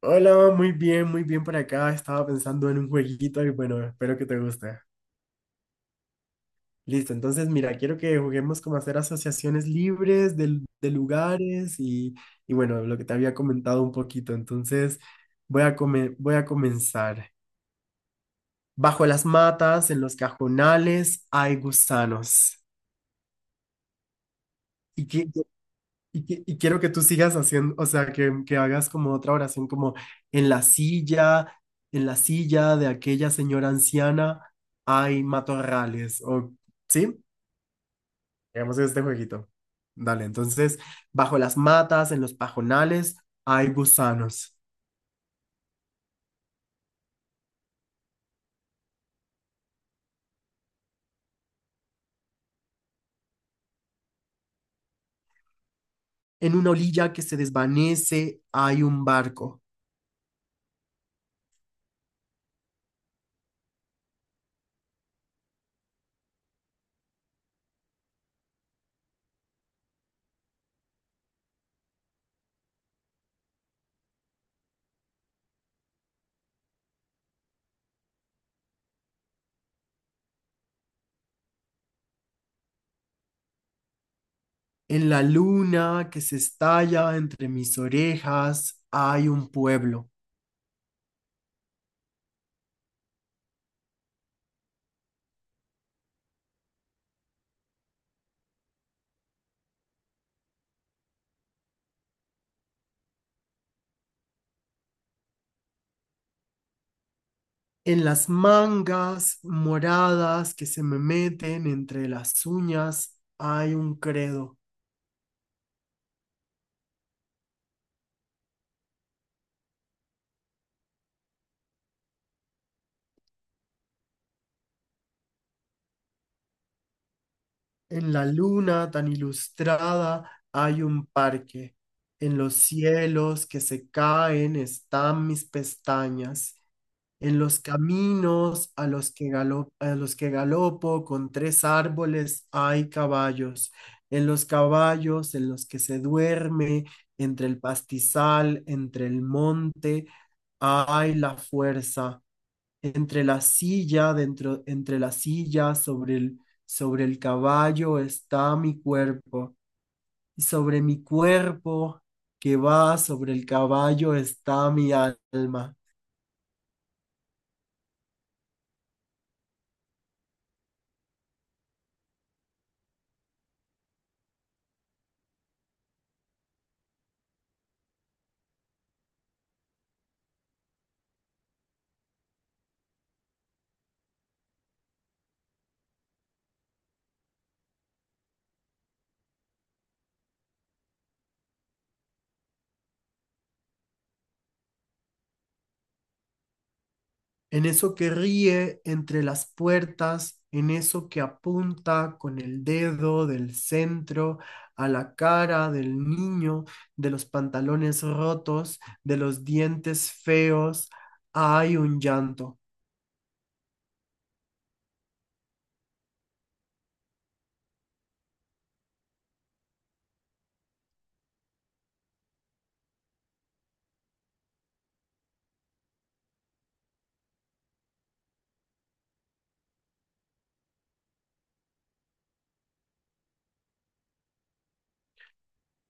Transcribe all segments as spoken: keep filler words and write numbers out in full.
Hola, muy bien, muy bien por acá. Estaba pensando en un jueguito y bueno, espero que te guste. Listo, entonces mira, quiero que juguemos como hacer asociaciones libres de, de lugares y, y bueno, lo que te había comentado un poquito. Entonces voy a, come- voy a comenzar. Bajo las matas, en los cajonales, hay gusanos. Y, que- y quiero que tú sigas haciendo, o sea, que, que hagas como otra oración, como en la silla, en la silla de aquella señora anciana hay matorrales, o, ¿sí? Hagamos este jueguito. Dale, entonces, bajo las matas, en los pajonales, hay gusanos. En una orilla que se desvanece, hay un barco. En la luna que se estalla entre mis orejas, hay un pueblo. En las mangas moradas que se me meten entre las uñas hay un credo. En la luna tan ilustrada hay un parque. En los cielos que se caen están mis pestañas. En los caminos a los que galo- a los que galopo con tres árboles hay caballos. En los caballos en los que se duerme, entre el pastizal, entre el monte, ay, la fuerza entre la silla, dentro, entre la silla, sobre el, sobre el caballo está mi cuerpo, y sobre mi cuerpo que va sobre el caballo está mi alma. En eso que ríe entre las puertas, en eso que apunta con el dedo del centro a la cara del niño, de los pantalones rotos, de los dientes feos, hay un llanto.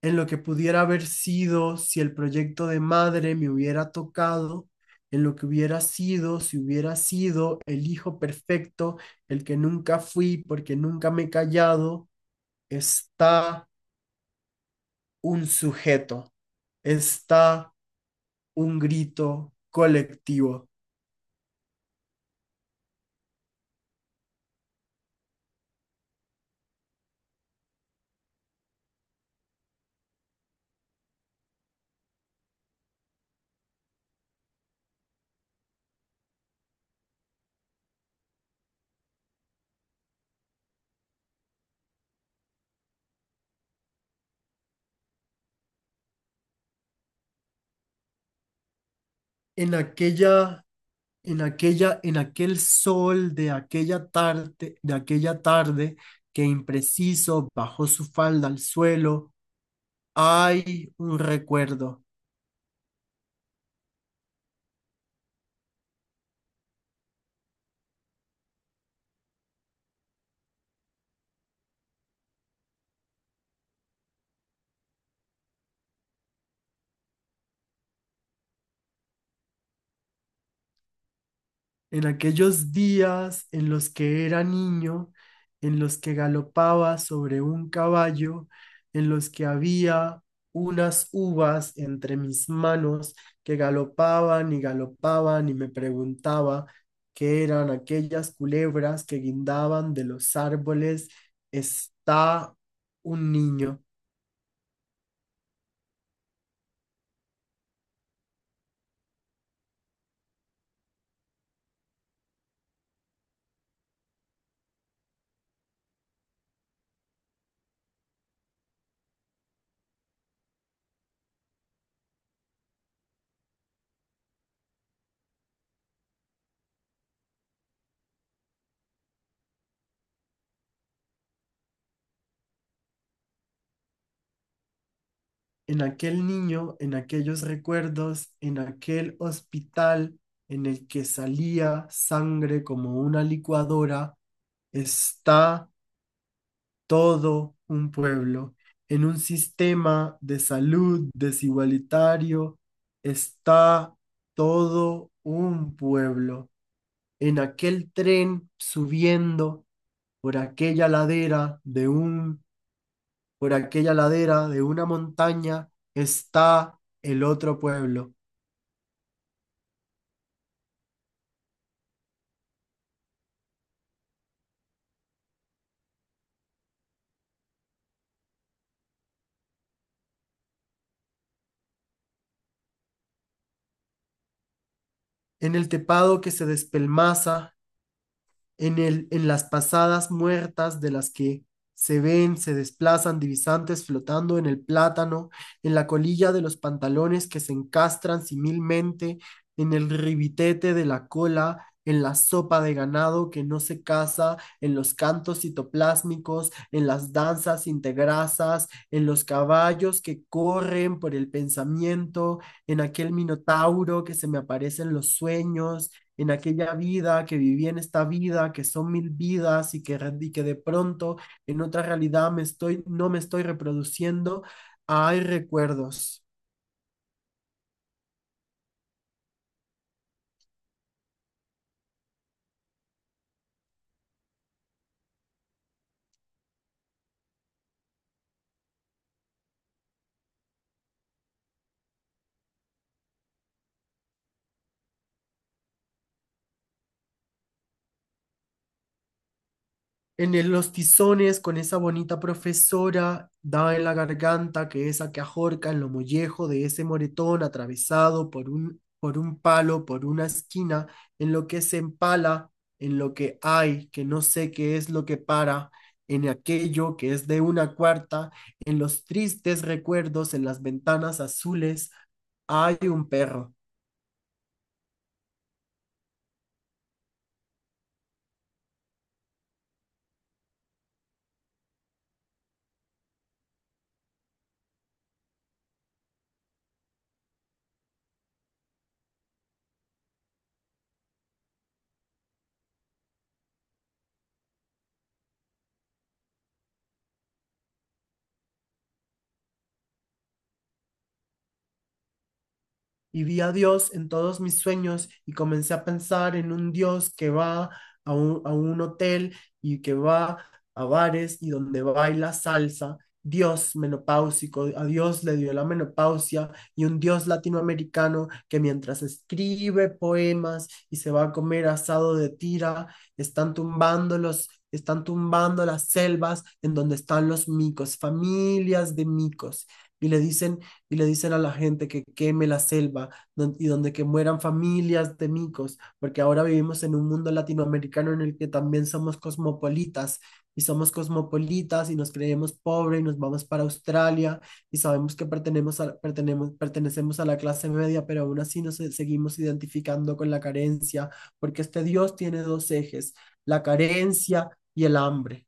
En lo que pudiera haber sido si el proyecto de madre me hubiera tocado, en lo que hubiera sido si hubiera sido el hijo perfecto, el que nunca fui porque nunca me he callado, está un sujeto, está un grito colectivo. En aquella, en aquella, en aquel sol de aquella tarde, de aquella tarde que impreciso bajó su falda al suelo, hay un recuerdo. En aquellos días en los que era niño, en los que galopaba sobre un caballo, en los que había unas uvas entre mis manos que galopaban y galopaban y me preguntaba qué eran aquellas culebras que guindaban de los árboles, está un niño. En aquel niño, en aquellos recuerdos, en aquel hospital en el que salía sangre como una licuadora, está todo un pueblo. En un sistema de salud desigualitario está todo un pueblo. En aquel tren subiendo por aquella ladera de un, por aquella ladera de una montaña está el otro pueblo. En el tepado que se despelmaza, en el, en las pasadas muertas de las que se ven, se desplazan divisantes flotando en el plátano, en la colilla de los pantalones que se encastran similmente, en el ribitete de la cola, en la sopa de ganado que no se casa, en los cantos citoplásmicos, en las danzas integrasas, en los caballos que corren por el pensamiento, en aquel minotauro que se me aparece en los sueños, en aquella vida, que viví en esta vida, que son mil vidas y que, re- y que de pronto en otra realidad me estoy, no me estoy reproduciendo, hay recuerdos. En el- los tizones con esa bonita profesora, daba en la garganta, que esa que ajorca en lo mollejo de ese moretón atravesado por un, por un palo, por una esquina, en lo que se empala, en lo que hay, que no sé qué es lo que para, en aquello que es de una cuarta, en los tristes recuerdos, en las ventanas azules, hay un perro. Y vi a Dios en todos mis sueños y comencé a pensar en un Dios que va a un, a un hotel y que va a bares y donde baila salsa. Dios menopáusico, a Dios le dio la menopausia y un Dios latinoamericano que mientras escribe poemas y se va a comer asado de tira, están tumbando los, están tumbando las selvas en donde están los micos, familias de micos, y le dicen y le dicen a la gente que queme la selva don- y donde que mueran familias de micos, porque ahora vivimos en un mundo latinoamericano en el que también somos cosmopolitas y somos cosmopolitas y nos creemos pobres y nos vamos para Australia y sabemos que pertenecemos a, pertenemos- pertenecemos a la clase media, pero aún así nos eh, seguimos identificando con la carencia, porque este Dios tiene dos ejes, la carencia y el hambre.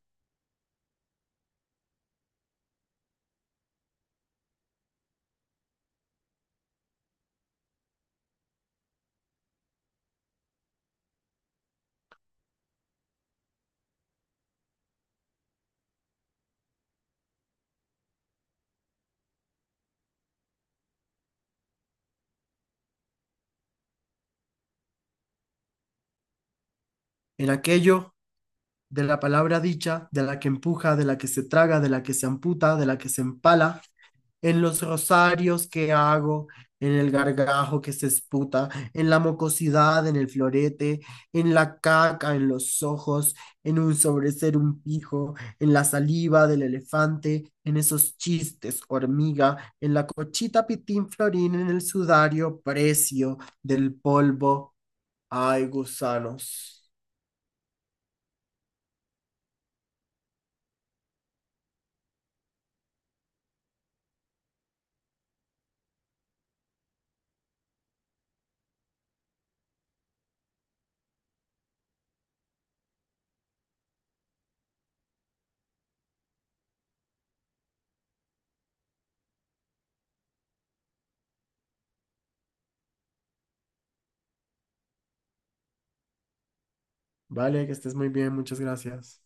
En aquello de la palabra dicha, de la que empuja, de la que se traga, de la que se amputa, de la que se empala, en los rosarios que hago, en el gargajo que se esputa, en la mocosidad, en el florete, en la caca, en los ojos, en un sobreser un pijo, en la saliva del elefante, en esos chistes, hormiga, en la cochita pitín florín, en el sudario precio del polvo. Ay, gusanos. Vale, que estés muy bien, muchas gracias.